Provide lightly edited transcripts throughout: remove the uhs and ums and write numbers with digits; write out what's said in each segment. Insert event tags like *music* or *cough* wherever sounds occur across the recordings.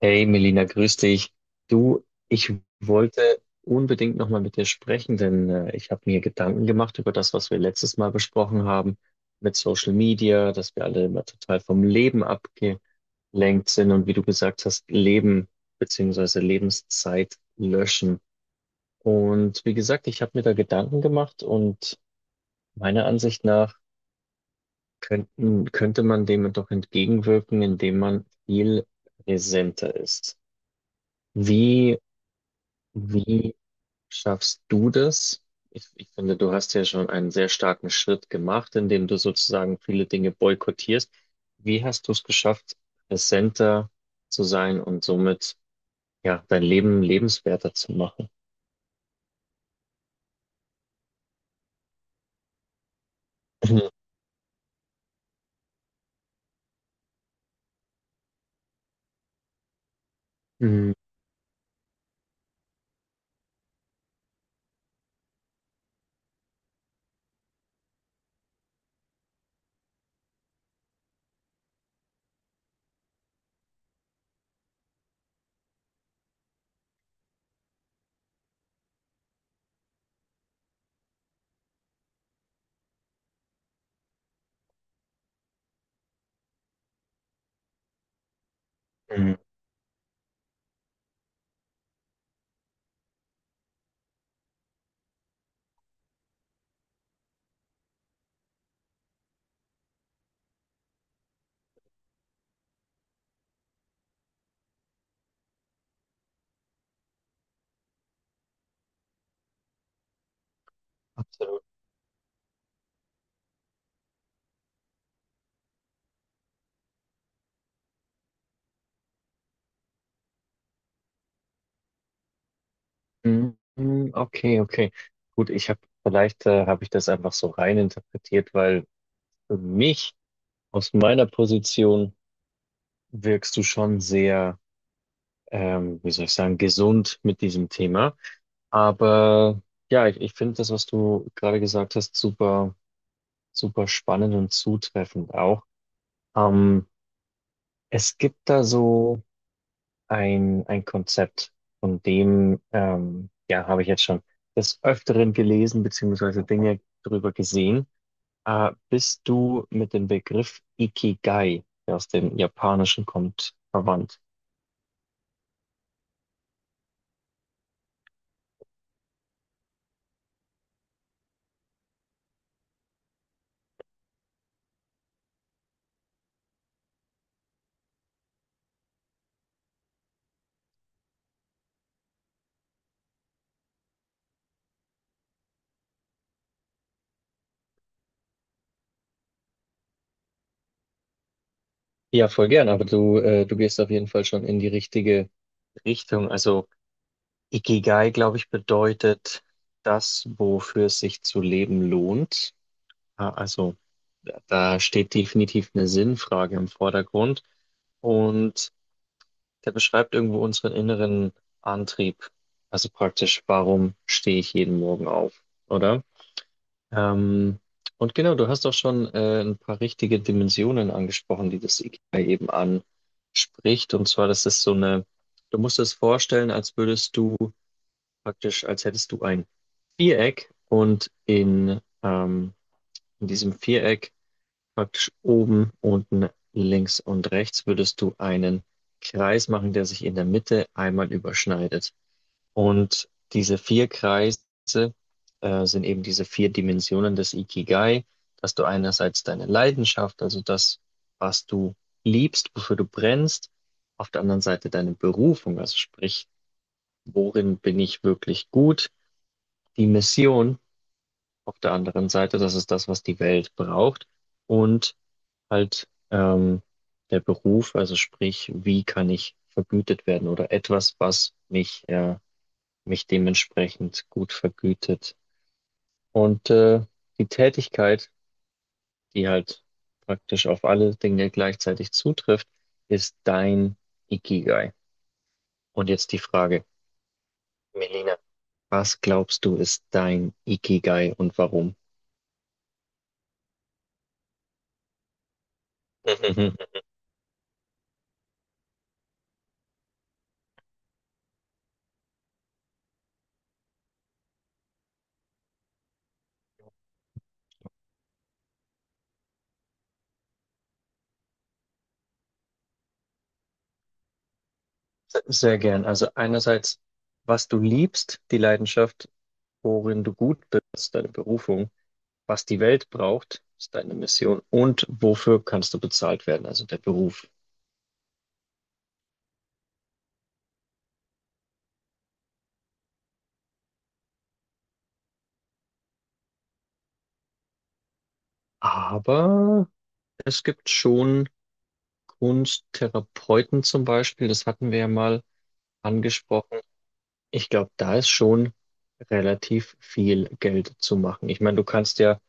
Hey Melina, grüß dich. Du, ich wollte unbedingt nochmal mit dir sprechen, denn ich habe mir Gedanken gemacht über das, was wir letztes Mal besprochen haben mit Social Media, dass wir alle immer total vom Leben abgelenkt sind und wie du gesagt hast, Leben beziehungsweise Lebenszeit löschen. Und wie gesagt, ich habe mir da Gedanken gemacht und meiner Ansicht nach könnte man dem doch entgegenwirken, indem man viel präsenter ist. Wie Wie schaffst du das? Ich finde, du hast ja schon einen sehr starken Schritt gemacht, indem du sozusagen viele Dinge boykottierst. Wie hast du es geschafft, präsenter zu sein und somit ja dein Leben lebenswerter zu machen? *clears throat* Mhm, mhm, absolut. Mhm, okay, okay. Gut, ich habe vielleicht habe ich das einfach so rein interpretiert, weil für mich aus meiner Position wirkst du schon sehr wie soll ich sagen, gesund mit diesem Thema. Aber ja, ich finde das, was du gerade gesagt hast, super, super spannend und zutreffend auch. Ähm, es gibt da so ein Konzept, von dem, ja, habe ich jetzt schon des Öfteren gelesen, beziehungsweise Dinge darüber gesehen. Bist du mit dem Begriff Ikigai, der aus dem Japanischen kommt, verwandt? Ja, voll gern, aber du gehst auf jeden Fall schon in die richtige Richtung. Also Ikigai, glaube ich, bedeutet das, wofür es sich zu leben lohnt. Ah, also da steht definitiv eine Sinnfrage im Vordergrund und der beschreibt irgendwo unseren inneren Antrieb. Also praktisch, warum stehe ich jeden Morgen auf, oder? Ähm, und genau, du hast auch schon ein paar richtige Dimensionen angesprochen, die das IKEA eben anspricht. Und zwar, das ist so eine, du musst es vorstellen, als würdest du praktisch, als hättest du ein Viereck und in diesem Viereck praktisch oben, unten, links und rechts würdest du einen Kreis machen, der sich in der Mitte einmal überschneidet. Und diese vier Kreise sind eben diese vier Dimensionen des Ikigai, dass du einerseits deine Leidenschaft, also das, was du liebst, wofür du brennst, auf der anderen Seite deine Berufung, also sprich, worin bin ich wirklich gut, die Mission auf der anderen Seite, das ist das, was die Welt braucht, und halt der Beruf, also sprich, wie kann ich vergütet werden oder etwas, was mich dementsprechend gut vergütet. Und die Tätigkeit, die halt praktisch auf alle Dinge gleichzeitig zutrifft, ist dein Ikigai. Und jetzt die Frage, Melina, was glaubst du, ist dein Ikigai und warum? *laughs* Sehr gern. Also einerseits, was du liebst, die Leidenschaft, worin du gut bist, deine Berufung, was die Welt braucht, ist deine Mission und wofür kannst du bezahlt werden, also der Beruf. Aber es gibt schon Kunsttherapeuten zum Beispiel, das hatten wir ja mal angesprochen. Ich glaube, da ist schon relativ viel Geld zu machen. Ich meine, du kannst ja,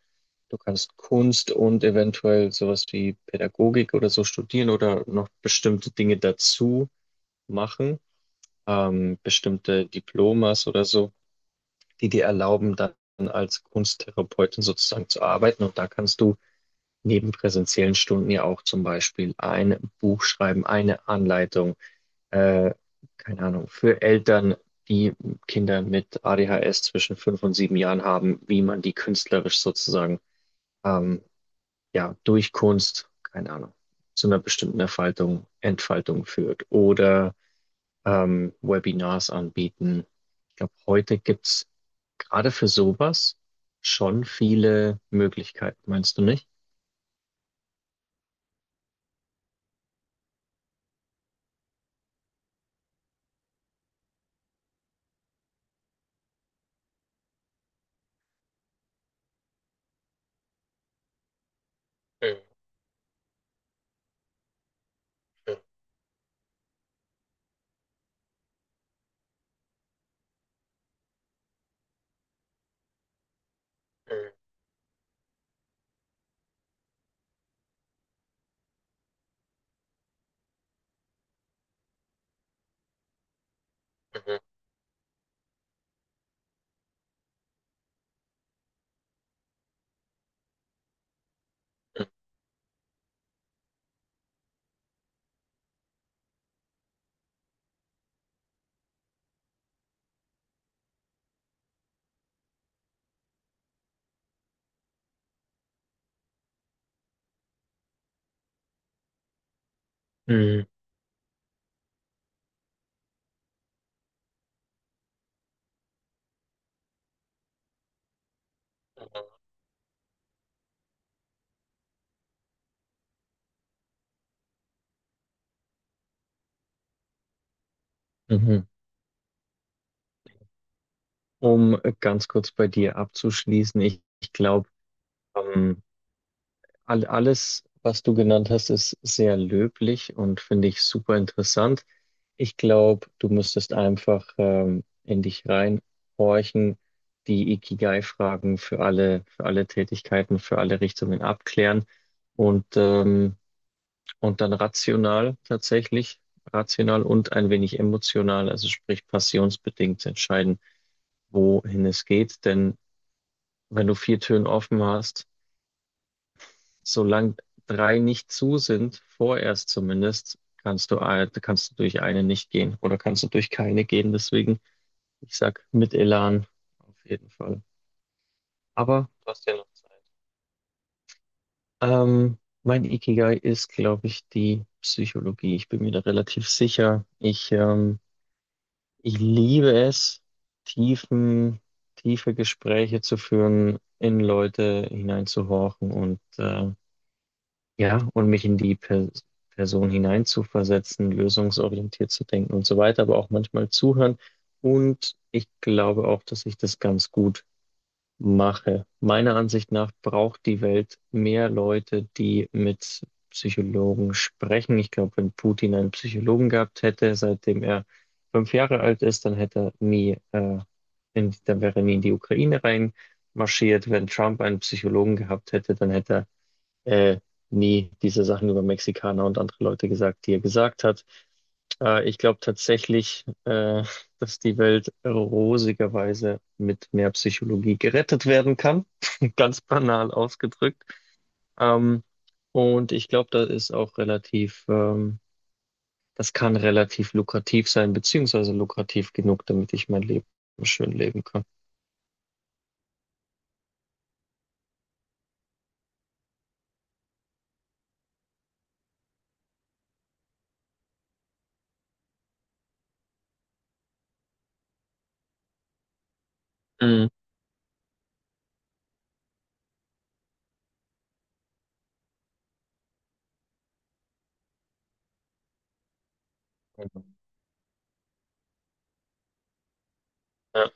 du kannst Kunst und eventuell sowas wie Pädagogik oder so studieren oder noch bestimmte Dinge dazu machen, bestimmte Diplomas oder so, die dir erlauben, dann als Kunsttherapeutin sozusagen zu arbeiten. Und da kannst du neben präsenziellen Stunden ja auch zum Beispiel ein Buch schreiben, eine Anleitung, äh, keine Ahnung, für Eltern, die Kinder mit ADHS zwischen 5 und 7 Jahren haben, wie man die künstlerisch sozusagen, ähm, ja, durch Kunst, keine Ahnung, zu einer bestimmten Erfaltung, Entfaltung führt oder Webinars anbieten. Ich glaube, heute gibt's gerade für sowas schon viele Möglichkeiten, meinst du nicht? Mhm, mhm, mhm. Mhm. Mhm. Um ganz kurz bei dir abzuschließen, ich glaube, ähm, alles, was du genannt hast, ist sehr löblich und finde ich super interessant. Ich glaube, du müsstest einfach in dich reinhorchen, die Ikigai-Fragen für alle Tätigkeiten, für alle Richtungen abklären und, und dann rational tatsächlich, rational und ein wenig emotional, also sprich passionsbedingt entscheiden, wohin es geht. Denn wenn du vier Türen offen hast, solange drei nicht zu sind, vorerst zumindest, kannst du, kannst du durch eine nicht gehen oder kannst du durch keine gehen. Deswegen, ich sag mit Elan auf jeden Fall. Aber du hast ja noch Zeit. Ähm, mein Ikigai ist, glaube ich, die Psychologie. Ich bin mir da relativ sicher. Ich liebe es, tiefen, tiefe Gespräche zu führen, in Leute hineinzuhorchen und ja, und mich in die Person hineinzuversetzen, lösungsorientiert zu denken und so weiter, aber auch manchmal zuhören. Und ich glaube auch, dass ich das ganz gut mache. Meiner Ansicht nach braucht die Welt mehr Leute, die mit Psychologen sprechen. Ich glaube, wenn Putin einen Psychologen gehabt hätte, seitdem er 5 Jahre alt ist, dann hätte er nie, dann wäre er nie in die Ukraine reinmarschiert. Wenn Trump einen Psychologen gehabt hätte, dann hätte er äh, nie diese Sachen über Mexikaner und andere Leute gesagt, die er gesagt hat. Ich glaube tatsächlich, dass die Welt rosigerweise mit mehr Psychologie gerettet werden kann. *laughs* Ganz banal ausgedrückt. Ähm, und ich glaube, das ist auch das kann relativ lukrativ sein, beziehungsweise lukrativ genug, damit ich mein Leben schön leben kann. Mhm. Ja.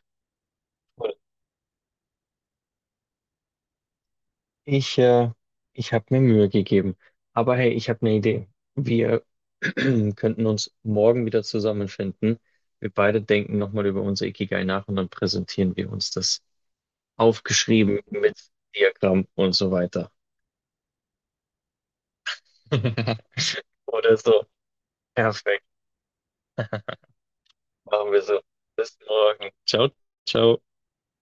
Ich, äh, ich habe mir Mühe gegeben. Aber hey, ich habe eine Idee. Wir *clears throat* könnten uns morgen wieder zusammenfinden. Wir beide denken nochmal über unser Ikigai nach und dann präsentieren wir uns das aufgeschrieben mit Diagramm und so weiter. *laughs* Oder so. Perfekt. Machen wir so. Bis morgen. Ciao, ciao.